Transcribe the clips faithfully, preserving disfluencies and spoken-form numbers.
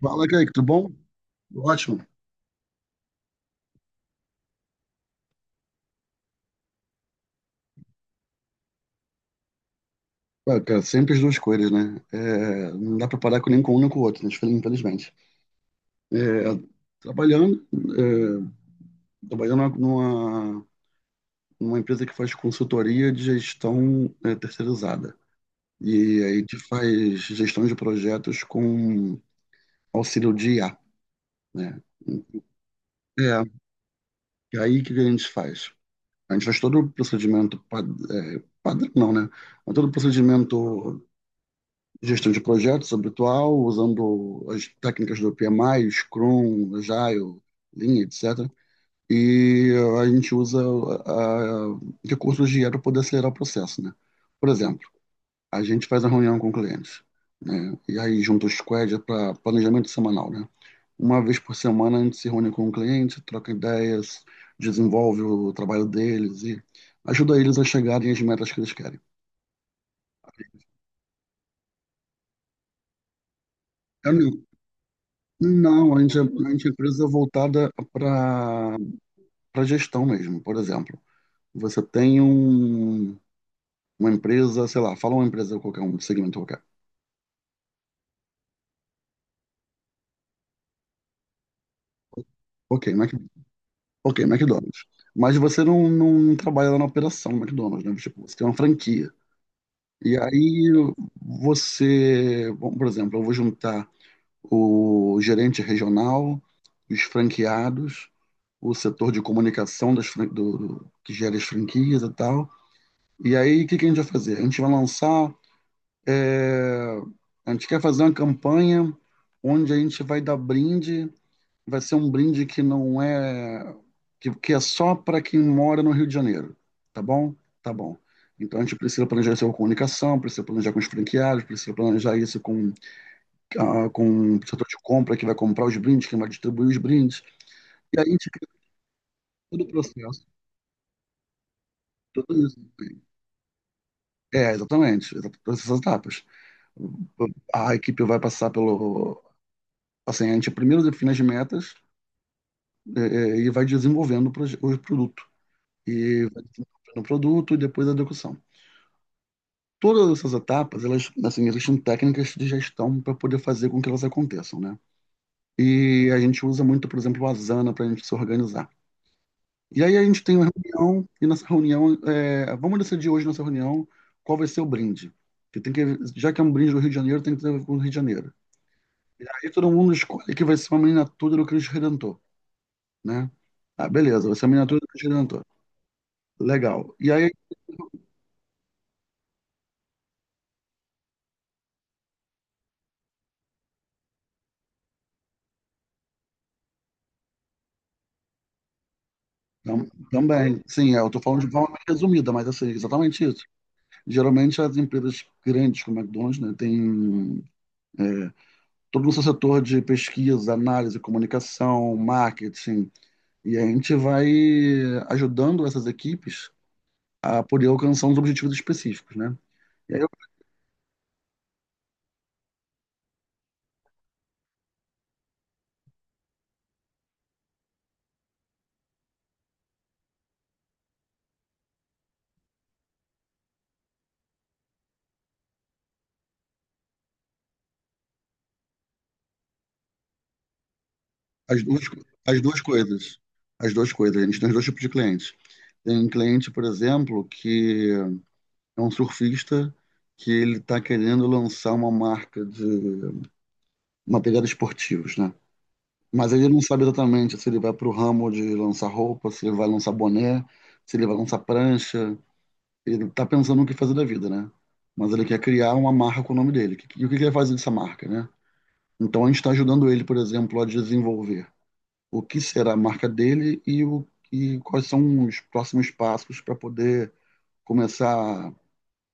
Fala, Kaique, tudo bom? Ótimo. Ué, cara, sempre as duas coisas, né? É, não dá pra parar com nem com um nem com o outro, né? Infelizmente. É, Trabalhando, é, trabalhando numa, numa empresa que faz consultoria de gestão é, terceirizada. E aí a gente faz gestão de projetos com auxílio de I A, né? É, e aí o que que a gente faz? A gente faz todo o procedimento, pad- é, padrão não, né? Mas todo o procedimento gestão de projetos habitual, usando as técnicas do P M I, Scrum, Agile, Lean, etcétera. E a gente usa ah, recursos de I A para poder acelerar o processo, né? Por exemplo, a gente faz a reunião com clientes, né? E aí junta o squad para planejamento semanal, né? Uma vez por semana a gente se reúne com o cliente, troca ideias, desenvolve o trabalho deles e ajuda eles a chegarem às metas que eles querem. É um Não, a gente, a gente é empresa voltada para para gestão mesmo, por exemplo. Você tem um, uma empresa, sei lá, fala uma empresa qualquer, um segmento qualquer. Ok, Mac, ok, McDonald's. Mas você não, não trabalha lá na operação McDonald's, né? Tipo, você tem uma franquia. E aí você, bom, por exemplo, eu vou juntar o gerente regional, os franqueados, o setor de comunicação das, fran- do, do- que gera as franquias e tal. E aí, o que que a gente vai fazer? A gente vai lançar. É, A gente quer fazer uma campanha onde a gente vai dar brinde. Vai ser um brinde que não é. Que, que é só para quem mora no Rio de Janeiro. Tá bom? Tá bom. Então a gente precisa planejar isso com comunicação, precisa planejar com os franqueados, precisa planejar isso com, ah, com o setor de compra que vai comprar os brindes, quem vai distribuir os brindes. E aí a gente cria todo o processo, tudo isso. É, exatamente, exatamente, todas essas etapas. A equipe vai passar pelo. Assim, a gente primeiro define as metas é, é, e vai desenvolvendo o proje- o produto. E vai desenvolvendo o produto e depois a execução. Todas essas etapas, elas, assim, existem técnicas de gestão para poder fazer com que elas aconteçam, né? E a gente usa muito, por exemplo, o Asana para a gente se organizar. E aí a gente tem uma reunião, e nessa reunião, é, vamos decidir hoje nessa reunião qual vai ser o brinde. Que tem que, já que é um brinde do Rio de Janeiro, tem que ter a ver com o Rio de Janeiro. E aí todo mundo escolhe que vai ser uma miniatura do Cristo Redentor, né? Ah, beleza, vai ser uma miniatura do Cristo Redentor. Legal. E aí, tam- também, sim, é, eu tô falando de forma mais resumida, mas assim, exatamente isso. Geralmente as empresas grandes como a McDonald's, né, tem é, todo o seu setor de pesquisa, análise, comunicação, marketing, e a gente vai ajudando essas equipes a poder alcançar uns objetivos específicos, né? As duas, co- as duas coisas. As duas coisas. A gente tem os dois tipos de clientes. Tem um cliente, por exemplo, que é um surfista que ele está querendo lançar uma marca de uma pegada esportivos, né? Mas ele não sabe exatamente se ele vai para o ramo de lançar roupa, se ele vai lançar boné, se ele vai lançar prancha. Ele está pensando no que fazer da vida, né? Mas ele quer criar uma marca com o nome dele. E o que que ele vai fazer dessa marca, né? Então a gente está ajudando ele, por exemplo, a desenvolver o que será a marca dele e, o, e quais são os próximos passos para poder começar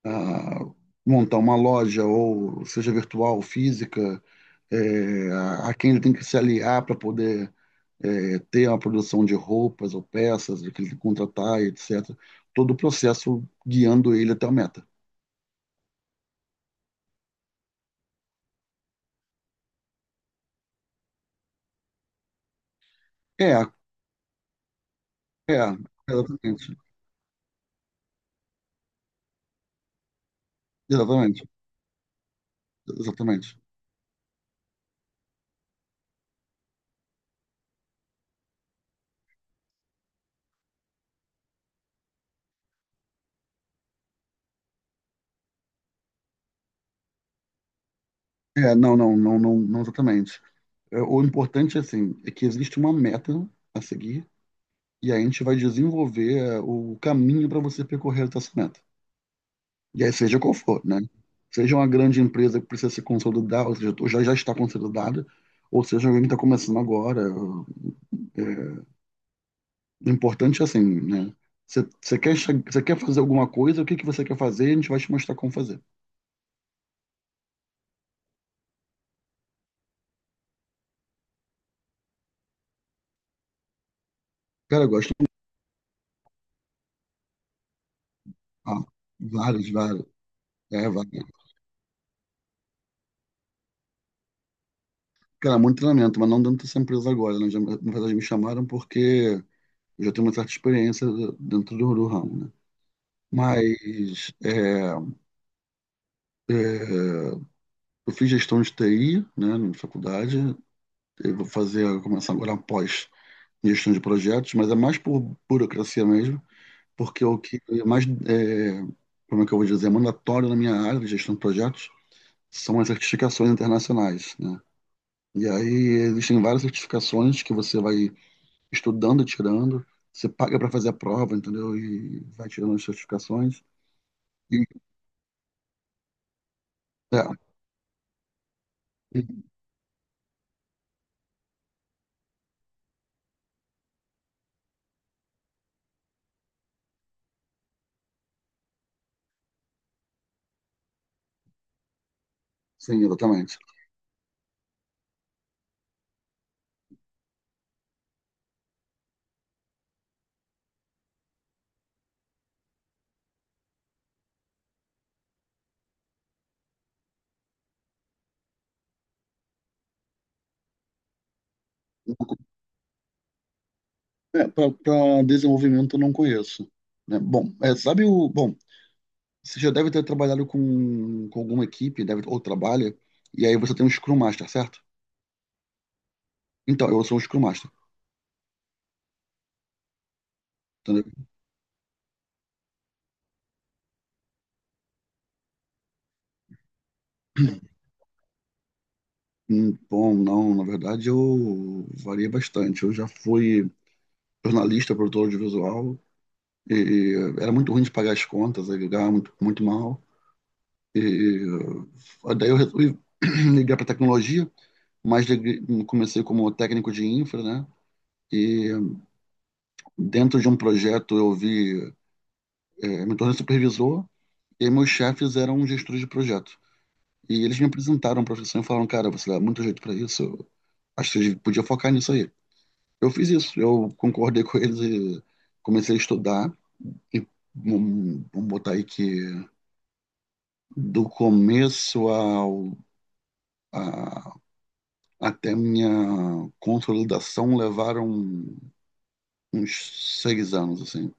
a montar uma loja, ou seja virtual, física, é, a, a quem ele tem que se aliar para poder é, ter uma produção de roupas ou peças, o que ele tem que contratar, etcétera. Todo o processo guiando ele até a meta. É, é, exatamente, exatamente, exatamente. É, não, não, não, não, não exatamente. É, O importante, assim, é que existe uma meta a seguir e a gente vai desenvolver é, o caminho para você percorrer essa meta. E aí, seja qual for, né? Seja uma grande empresa que precisa se consolidar, ou seja, ou já, já está consolidada, ou seja, alguém que está começando agora. O importante é assim, né? Você você quer, che- você quer fazer alguma coisa, o que que você quer fazer, a gente vai te mostrar como fazer. Cara, eu gosto. Ah, vários, vários. É, vários. Cara, muito treinamento, mas não dentro dessa empresa agora. Né? Já, na verdade, me chamaram porque eu já tenho uma certa experiência dentro do, do ramo, né? Mas é, é, eu fiz gestão de T I, né, na faculdade. Eu vou fazer, eu vou começar agora após gestão de projetos, mas é mais por burocracia mesmo, porque é o que é mais, é, como é que eu vou dizer, é mandatório na minha área de gestão de projetos são as certificações internacionais, né? E aí existem várias certificações que você vai estudando e tirando, você paga para fazer a prova, entendeu? E vai tirando as certificações. E, é, Sim, exatamente. É, para desenvolvimento eu não conheço, né? Bom, é, sabe o. Bom, você já deve ter trabalhado com, com alguma equipe, deve, ou trabalha, e aí você tem um Scrum Master, certo? Então, eu sou um Scrum Master. Entendeu? Hum, Bom, não, na verdade eu variei bastante. Eu já fui jornalista, produtor audiovisual, e era muito ruim de pagar as contas, aí eu ganhava muito, muito mal. E daí eu resolvi ligar para tecnologia, mas liguei- comecei como técnico de infra, né? E dentro de um projeto eu vi, é, me tornei supervisor e meus chefes eram gestores de projeto. E eles me apresentaram a profissão e falaram, cara, você dá muito jeito para isso, eu acho que você podia focar nisso aí. Eu fiz isso, eu concordei com eles e comecei a estudar. E vamos vamos botar aí que do começo ao, a- até minha consolidação levaram uns seis anos, assim.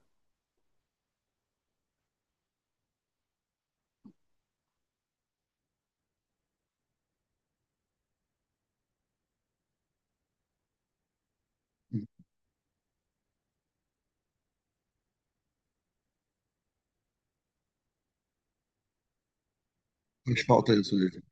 Faz falta isso mesmo.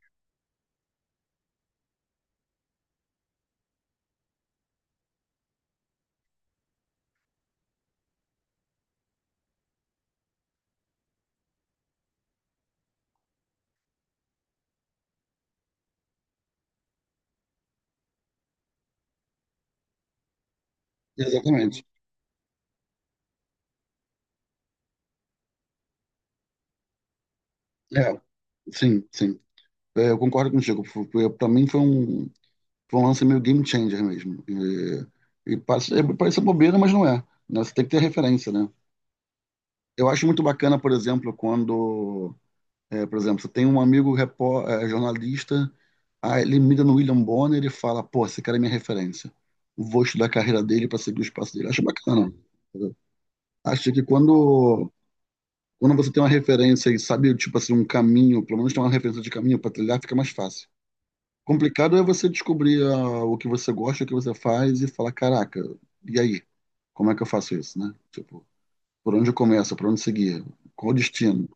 Exatamente. É, sim, sim. É, eu concordo contigo. Para mim foi um, foi um lance meio game changer mesmo. E, e parece, é, parece bobeira, mas não é. Né? Você tem que ter referência, né? Eu acho muito bacana, por exemplo, quando, é, por exemplo, você tem um amigo repó, é, jornalista, aí ele mira no William Bonner e fala, pô, esse cara é minha referência. Vou estudar a carreira dele para seguir os passos dele. Acho bacana, entendeu? Acho que quando, quando você tem uma referência e sabe, tipo assim, um caminho, pelo menos tem uma referência de caminho para trilhar, fica mais fácil. Complicado é você descobrir ah, o que você gosta, o que você faz e falar, caraca, e aí? Como é que eu faço isso, né? Tipo, por onde eu começo, por onde seguir, qual o destino?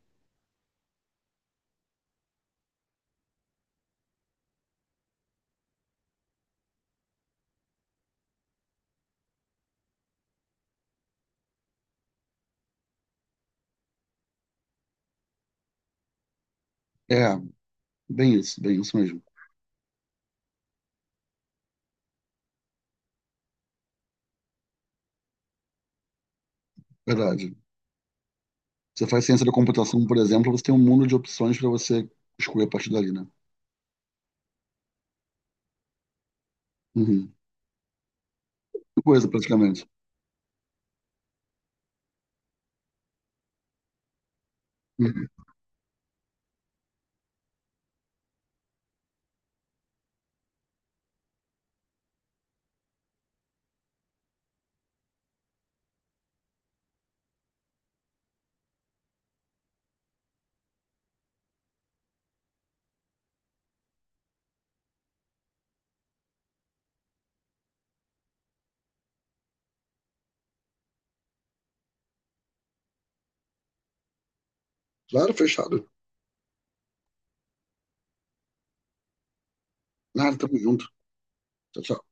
É, bem isso, bem isso mesmo. Verdade. Você faz ciência da computação, por exemplo, você tem um mundo de opções para você escolher a partir dali, né? Uhum. Coisa, praticamente. Uhum. Claro, fechado. Nada, tamo junto. Tchau, tchau.